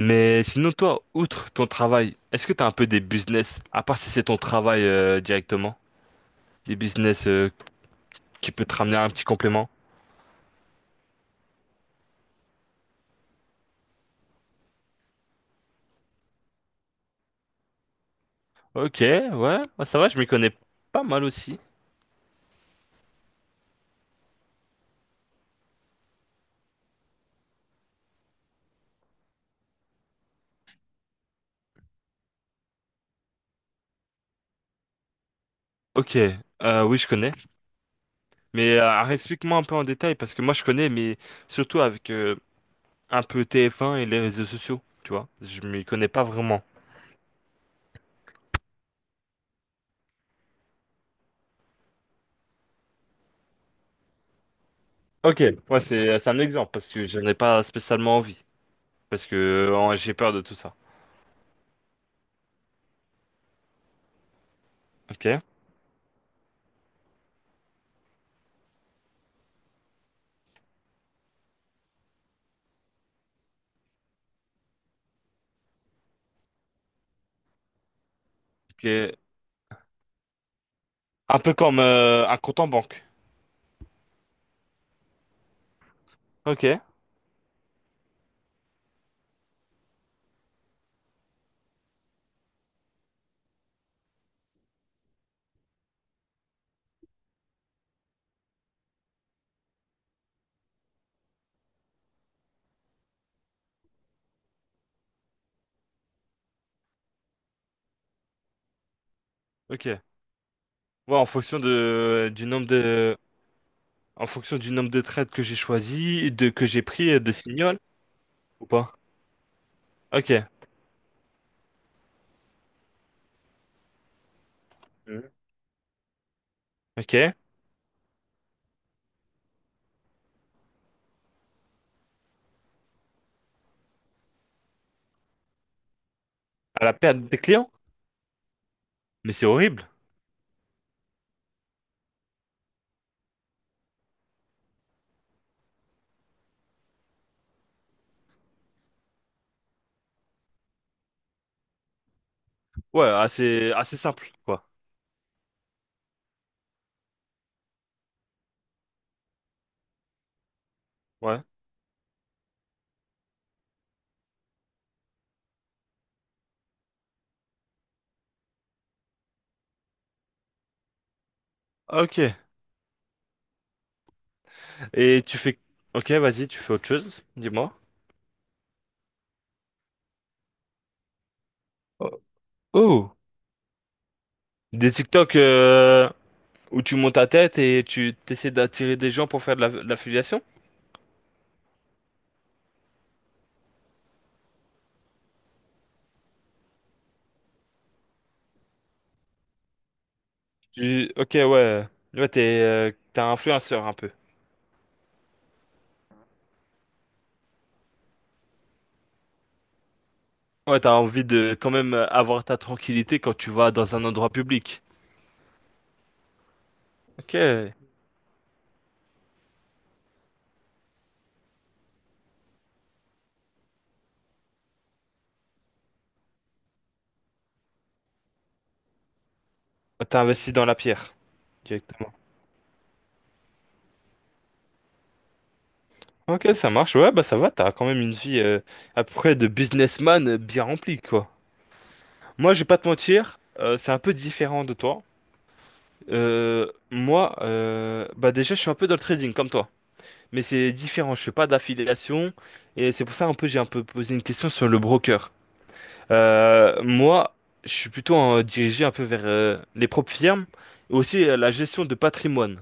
Mais sinon, toi, outre ton travail, est-ce que tu as un peu des business, à part si c'est ton travail directement, des business. Qui peut te ramener un petit complément? Ok, ouais, bah ça va, je m'y connais pas mal aussi. Ok, oui, je connais. Mais alors, explique-moi un peu en détail, parce que moi, je connais, mais surtout avec un peu TF1 et les réseaux sociaux, tu vois. Je m'y connais pas vraiment. Ok, ouais, c'est un exemple, parce que j'en ai pas spécialement envie, parce que j'ai peur de tout ça. Ok, ok. Un peu comme un compte en banque. Ok, ok. Ouais, en fonction de du nombre de en fonction du nombre de trades que j'ai choisi, de que j'ai pris de signal ou pas. Ok. Mhm. Ok. À la perte des clients? Mais c'est horrible. Ouais, assez simple quoi. Ouais. Ok. Et tu fais Ok, vas-y, tu fais autre chose, dis-moi. Oh. Oh. Des TikTok où tu montes ta tête et tu t'essaies d'attirer des gens pour faire de l'affiliation? Tu... Ok, ouais. Ouais, t'es, t'es un influenceur un peu. Ouais, t'as envie de quand même avoir ta tranquillité quand tu vas dans un endroit public. Ok, t'as investi dans la pierre directement. Ok, ça marche. Ouais, bah ça va, t'as quand même une vie à peu près de businessman bien remplie, quoi. Moi, je vais pas te mentir, c'est un peu différent de toi. Moi, bah déjà, je suis un peu dans le trading comme toi. Mais c'est différent, je fais pas d'affiliation. Et c'est pour ça, un peu, j'ai un peu posé une question sur le broker. Moi, je suis plutôt dirigé un peu vers les propres firmes et aussi la gestion de patrimoine.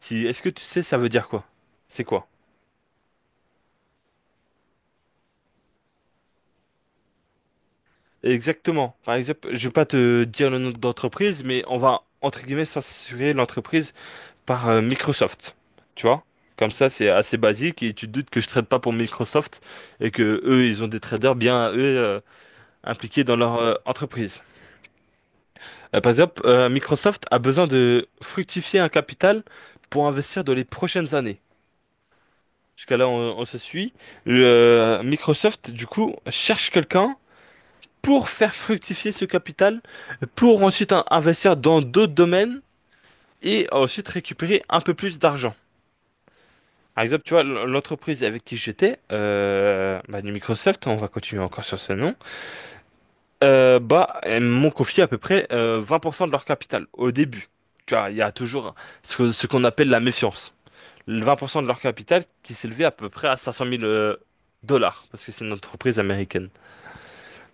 Si, est-ce que tu sais, ça veut dire quoi? C'est quoi? Exactement. Par exemple, je vais pas te dire le nom d'entreprise, mais on va entre guillemets censurer l'entreprise par Microsoft. Tu vois? Comme ça, c'est assez basique et tu te doutes que je trade pas pour Microsoft et que eux, ils ont des traders bien eux impliqués dans leur entreprise. Par exemple, Microsoft a besoin de fructifier un capital pour investir dans les prochaines années. Jusqu'à là, on se suit. Microsoft, du coup, cherche quelqu'un pour faire fructifier ce capital, pour ensuite investir dans d'autres domaines et ensuite récupérer un peu plus d'argent. Par exemple, tu vois, l'entreprise avec qui j'étais, bah, du Microsoft, on va continuer encore sur ce nom. Bah, elles m'ont confié à peu près 20% de leur capital au début. Tu vois, il y a toujours ce qu'on appelle la méfiance. Le 20% de leur capital qui s'élevait à peu près à 500 000 dollars, parce que c'est une entreprise américaine.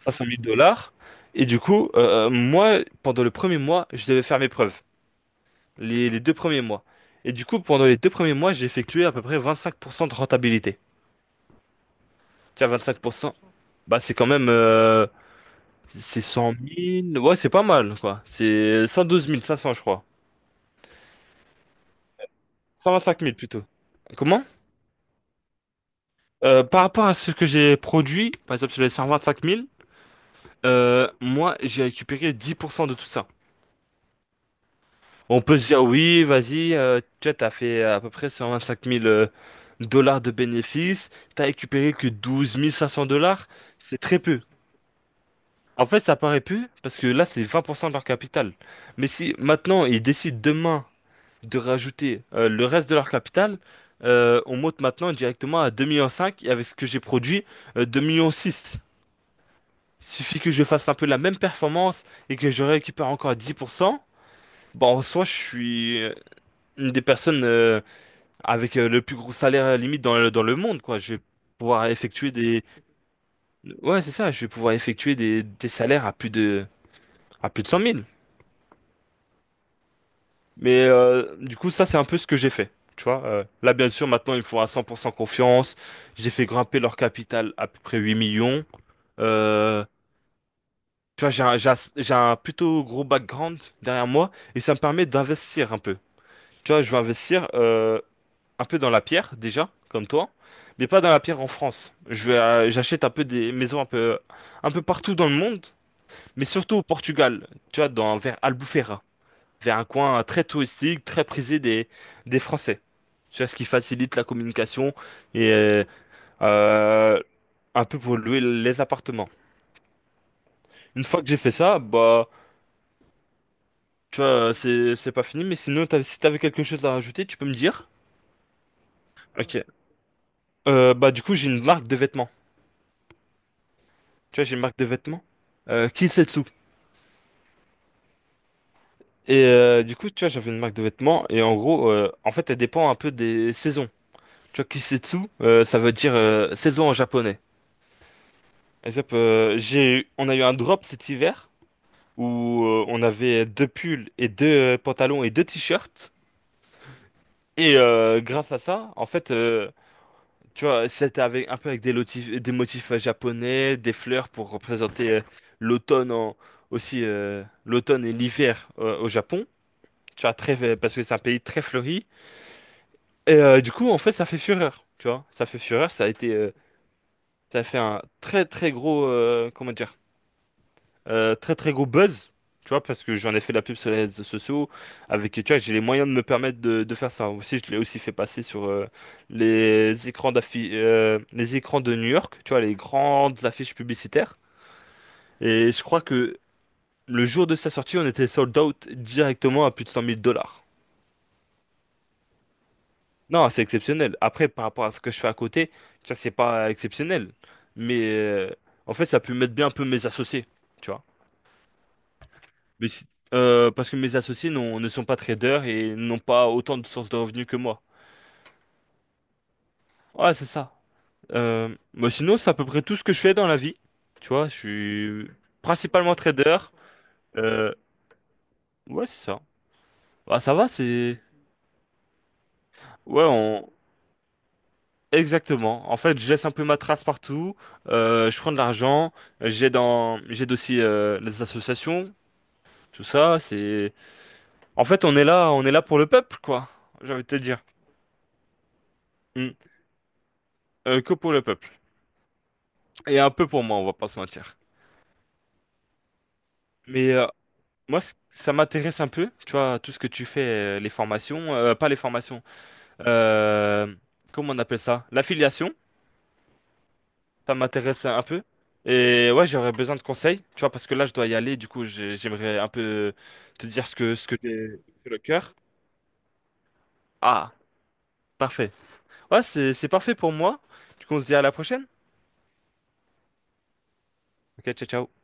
500 000 dollars. Et du coup, moi, pendant le premier mois, je devais faire mes preuves. Les deux premiers mois. Et du coup, pendant les deux premiers mois, j'ai effectué à peu près 25% de rentabilité. Tu vois, 25%, bah, c'est quand même c'est 100 000 ouais, c'est pas mal, quoi. C'est 112 500 je crois. 125 000 plutôt. Comment? Par rapport à ce que j'ai produit, par exemple sur les 125 000, moi, j'ai récupéré 10% de tout ça. On peut se dire, oui, vas-y, tu vois, t'as fait à peu près 125 000 dollars de bénéfices, t'as récupéré que 12 500 dollars, c'est très peu. En fait, ça paraît peu, parce que là, c'est 20% de leur capital. Mais si maintenant, ils décident demain de rajouter le reste de leur capital, on monte maintenant directement à 2,5 millions et avec ce que j'ai produit, 2,6 millions. Il suffit que je fasse un peu la même performance et que je récupère encore 10%. Bon, en soi, je suis une des personnes avec le plus gros salaire limite dans le monde, quoi. Je vais pouvoir effectuer des... Ouais, c'est ça, je vais pouvoir effectuer des salaires à plus de 100 000. Mais du coup, ça, c'est un peu ce que j'ai fait. Tu vois, là, bien sûr, maintenant, ils me font à 100% confiance. J'ai fait grimper leur capital à peu près 8 millions. Euh, tu vois, j'ai un plutôt gros background derrière moi et ça me permet d'investir un peu. Tu vois, je vais investir un peu dans la pierre, déjà, comme toi, mais pas dans la pierre en France. J'achète un peu des maisons un peu partout dans le monde, mais surtout au Portugal, tu vois, dans, vers Albufeira vers un coin très touristique, très prisé des Français. Tu vois, ce qui facilite la communication et euh, un peu pour louer les appartements. Une fois que j'ai fait ça, bah, tu vois, c'est pas fini, mais sinon, si t'avais quelque chose à rajouter, tu peux me dire? Ok. Bah, du coup, j'ai une marque de vêtements. Tu vois, j'ai une marque de vêtements. Kinsetsu. Et du coup, tu vois, j'avais une marque de vêtements, et en gros, en fait, elle dépend un peu des saisons. Tu vois, Kisetsu, ça veut dire saison en japonais. Et on a eu un drop cet hiver où on avait deux pulls et deux pantalons et deux t-shirts. Et grâce à ça, en fait, tu vois, c'était avec un peu avec des motifs japonais, des fleurs pour représenter l'automne en- aussi l'automne et l'hiver au Japon. Tu vois, très, parce que c'est un pays très fleuri. Et du coup, en fait, ça fait fureur. Tu vois, ça fait fureur. Ça a été, ça a fait un très très gros, comment dire. Très très gros buzz, tu vois, parce que j'en ai fait de la pub sur les réseaux sociaux, avec, tu vois, j'ai les moyens de me permettre de faire ça. Aussi, je l'ai aussi fait passer sur les écrans de New York, tu vois, les grandes affiches publicitaires. Et je crois que le jour de sa sortie, on était sold out directement à plus de 100 000 dollars. Non, c'est exceptionnel. Après, par rapport à ce que je fais à côté, ça c'est pas exceptionnel. Mais en fait, ça a pu mettre bien un peu mes associés, tu vois. Mais si- parce que ne sont pas traders et n'ont pas autant de sources de revenus que moi. Ouais, c'est ça. Mais sinon, c'est à peu près tout ce que je fais dans la vie. Tu vois, je suis principalement trader. Euh, ouais, c'est ça. Bah, ça va, c'est... Ouais, on... Exactement. En fait, je laisse un peu ma trace partout. Je prends de l'argent. J'aide dans... j'aide aussi les associations. Tout ça, c'est... En fait, on est là pour le peuple, quoi. J'ai envie de te dire. Mm. Que pour le peuple. Et un peu pour moi, on va pas se mentir. Mais moi, ça m'intéresse un peu, tu vois, tout ce que tu fais, les formations, pas les formations, euh, comment on appelle ça? L'affiliation, ça m'intéresse un peu. Et ouais, j'aurais besoin de conseils, tu vois, parce que là, je dois y aller, du coup, j'aimerais un peu te dire ce que j'ai sur le cœur. Ah, parfait. Ouais, c'est parfait pour moi. Du coup, on se dit à la prochaine. Ok, ciao, ciao.